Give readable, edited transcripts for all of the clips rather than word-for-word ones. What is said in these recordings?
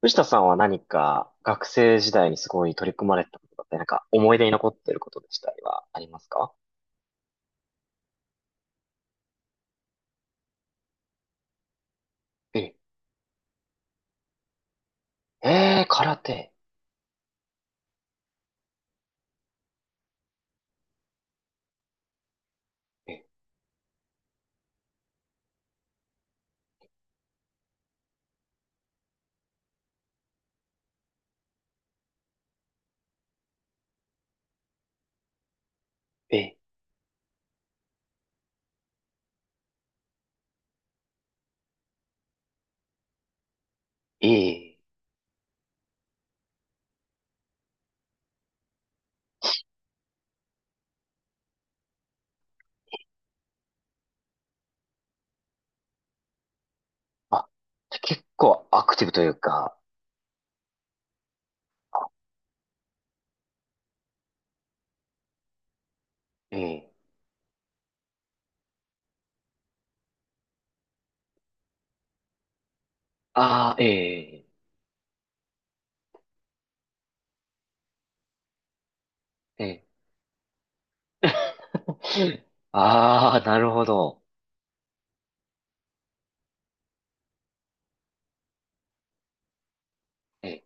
藤田さんは何か学生時代にすごい取り組まれてたことだったり、なんか思い出に残っていることでしたりはありますか？ええ、えー空手。え、え、ええ。あ、じゃあ結構アクティブというか。ええ。ああ、ええ、ええ。ああ、なるほど。ええ。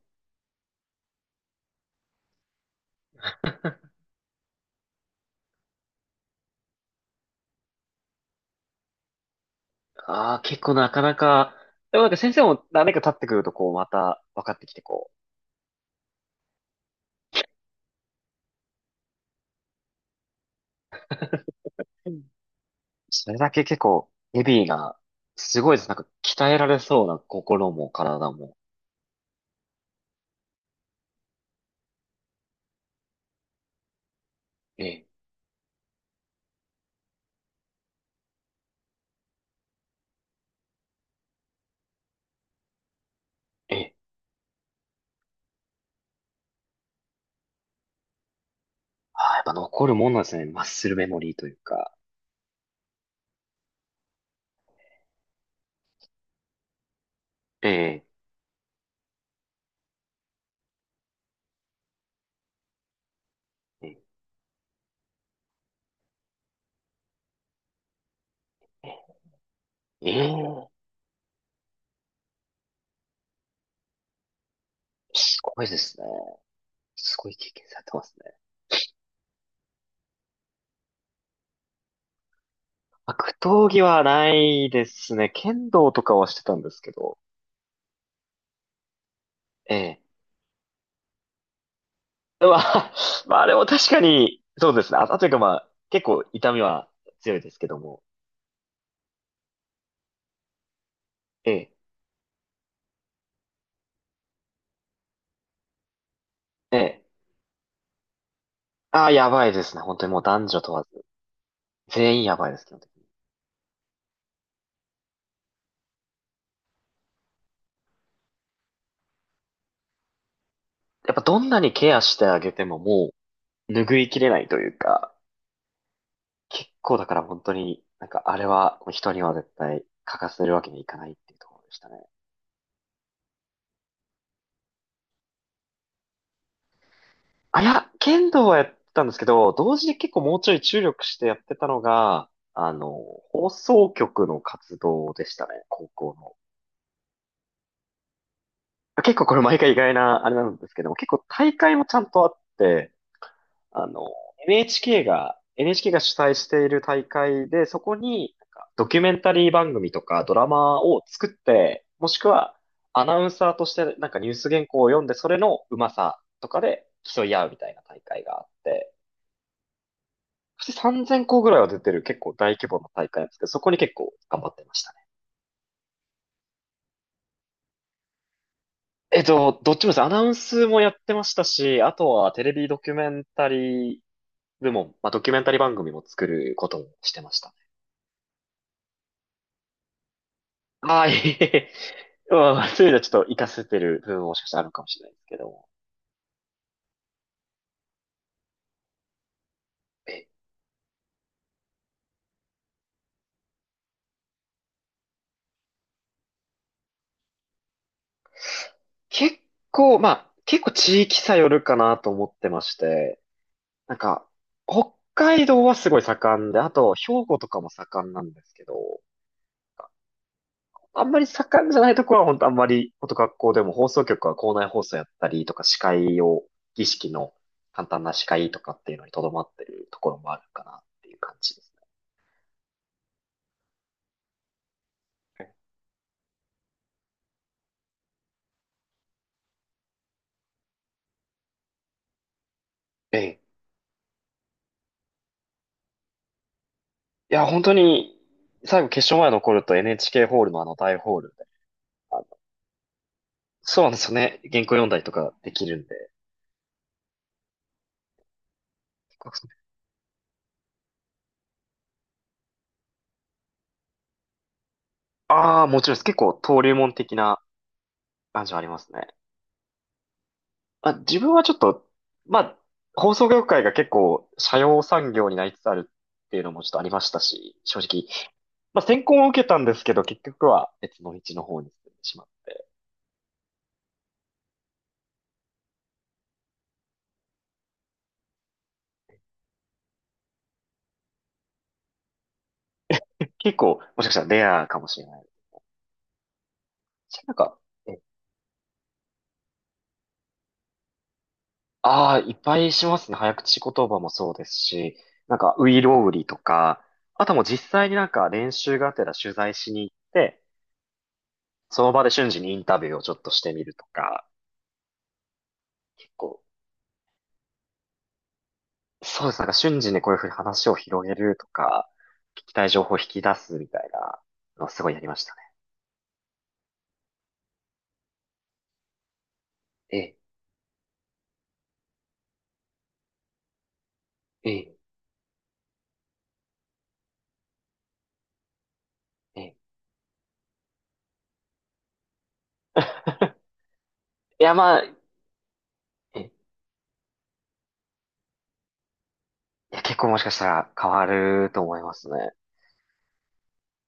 ああ、結構なかなか。でもなんか先生も何年か経ってくるとこうまた分かってきてこう。それだけ結構、ヘビーが、すごいです。なんか、鍛えられそうな心も体も。ええ、ええ。ああ、やっぱ残るもんなんですね。マッスルメモリーというか。ええ、ええ、ええ。ええ。すごいですね。すごい経験されてますね。格闘技はないですね。剣道とかはしてたんですけど。ええ。まあ、まあ、あれも確かに、そうですね。あ、というかまあ、結構痛みは強いですけども。ええ、ええ。ああ、やばいですね。本当にもう男女問わず。全員やばいです、基本的に。やっぱどんなにケアしてあげてももう拭いきれないというか、結構だから本当に、なんかあれは人には絶対欠かせるわけにいかないっていうところでしたね。あ、いや、剣道はやったんですけど、同時に結構もうちょい注力してやってたのが、放送局の活動でしたね、高校の。結構これ毎回意外なあれなんですけども、結構大会もちゃんとあって、あの、NHK が、NHK が主催している大会で、そこに、なんかドキュメンタリー番組とかドラマを作って、もしくはアナウンサーとしてなんかニュース原稿を読んで、それのうまさとかで競い合うみたいな大会があって、そして3,000校ぐらいは出てる結構大規模な大会なんですけど、そこに結構頑張ってましたね。どっちもです。アナウンスもやってましたし、あとはテレビドキュメンタリー部門、まあ、ドキュメンタリー番組も作ることもしてましたね。はい。まあ、そういうのはちょっと活かせてる部分ももしかしたらあるかもしれないですけども。え、結構、まあ、結構地域差よるかなと思ってまして、なんか、北海道はすごい盛んで、あと、兵庫とかも盛んなんですけど、あんまり盛んじゃないところは本当あんまり、本当学校でも放送局は校内放送やったりとか、司会を、儀式の簡単な司会とかっていうのにとどまってるところもあるかなっていう感じですね。ええ。いや、本当に、最後決勝前残ると NHK ホールのあの大ホールで、あのそうなんですよね。原稿読んだりとかできるんで。ああ、もちろんです。結構登竜門的な感じはありますね。まあ、自分はちょっと、まあ、放送業界が結構、斜陽産業になりつつあるっていうのもちょっとありましたし、正直。まあ、選考を受けたんですけど、結局は別の道の方に進んでしまう。結構、もしかしたらレアかもしれない。なんか、えああ、いっぱいしますね。早口言葉もそうですし、なんか、ういろうりとか、あともう実際になんか練習がてら取材しに行って、その場で瞬時にインタビューをちょっとしてみるとか、結構、そうです。なんか瞬時にこういうふうに話を広げるとか、聞きたい情報を引き出すみたいなのをすごいやりましたね。ええ、ええ、ええ。いや、まあ、ええ、いや、結構もしかしたら変わると思いますね。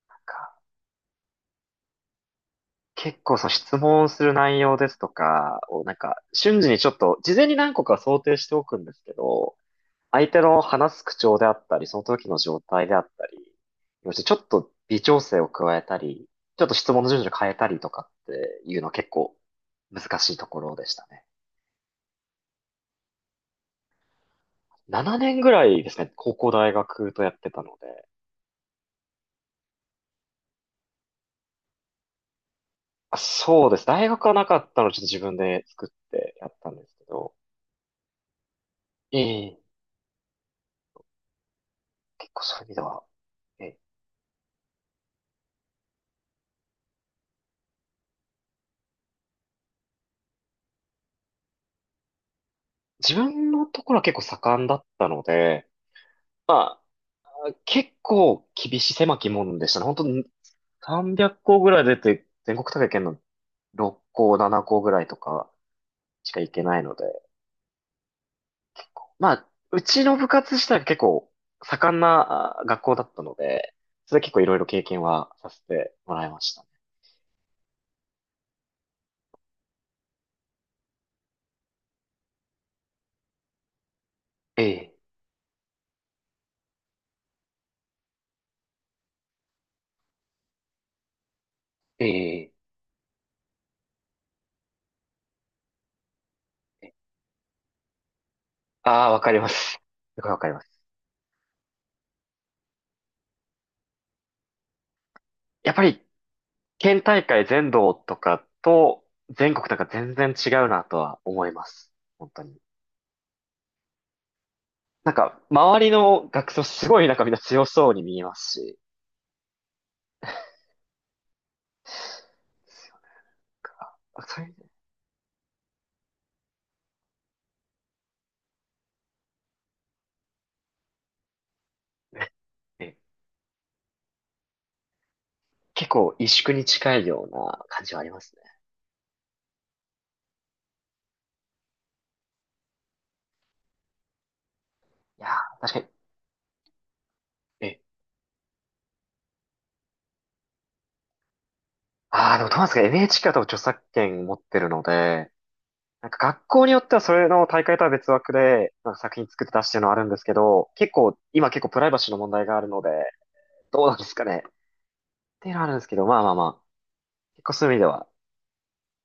なんか結構その質問する内容ですとかをなんか瞬時にちょっと事前に何個か想定しておくんですけど、相手の話す口調であったり、その時の状態であったり、そしてちょっと微調整を加えたり、ちょっと質問の順序を変えたりとかっていうのは結構難しいところでしたね。7年ぐらいですね、高校大学とやってたので。あ、そうです。大学はなかったのでちょっと自分で作ってやったんですけど、ええ。結構そういう意味では、ええ。自分のところは結構盛んだったので、まあ、結構厳しい狭き門でしたね。本当に300校ぐらい出て、全国大会行の6校、7校ぐらいとかしか行けないので、結構。まあ、うちの部活自体が結構盛んなあ学校だったので、それで結構いろいろ経験はさせてもらいましたね。ええ、ええ、ええ。ああ、わかります。すごいわかります。やっぱり県大会全道とかと全国とか全然違うなとは思います。本当に。なんか、周りの学生すごいなんかみんな強そうに見えますし、なんかそういう意味でえ結構萎縮に近いような感じはありますね。いやー、確かに。え、ああでもどうなんですか？ NHK は多分著作権持ってるので、なんか学校によってはそれの大会とは別枠で、なんか作品作って出してるのはあるんですけど、結構、今結構プライバシーの問題があるので、どうなんですかね。っていうのはあるんですけど、まあまあまあ、結構そういう意味では、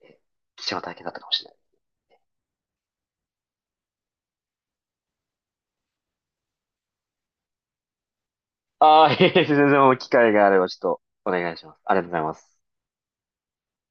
え貴重な体験だったかもしれない。ああ、いえいえ全然もう機会があればちょっとお願いします。ありがとうございます。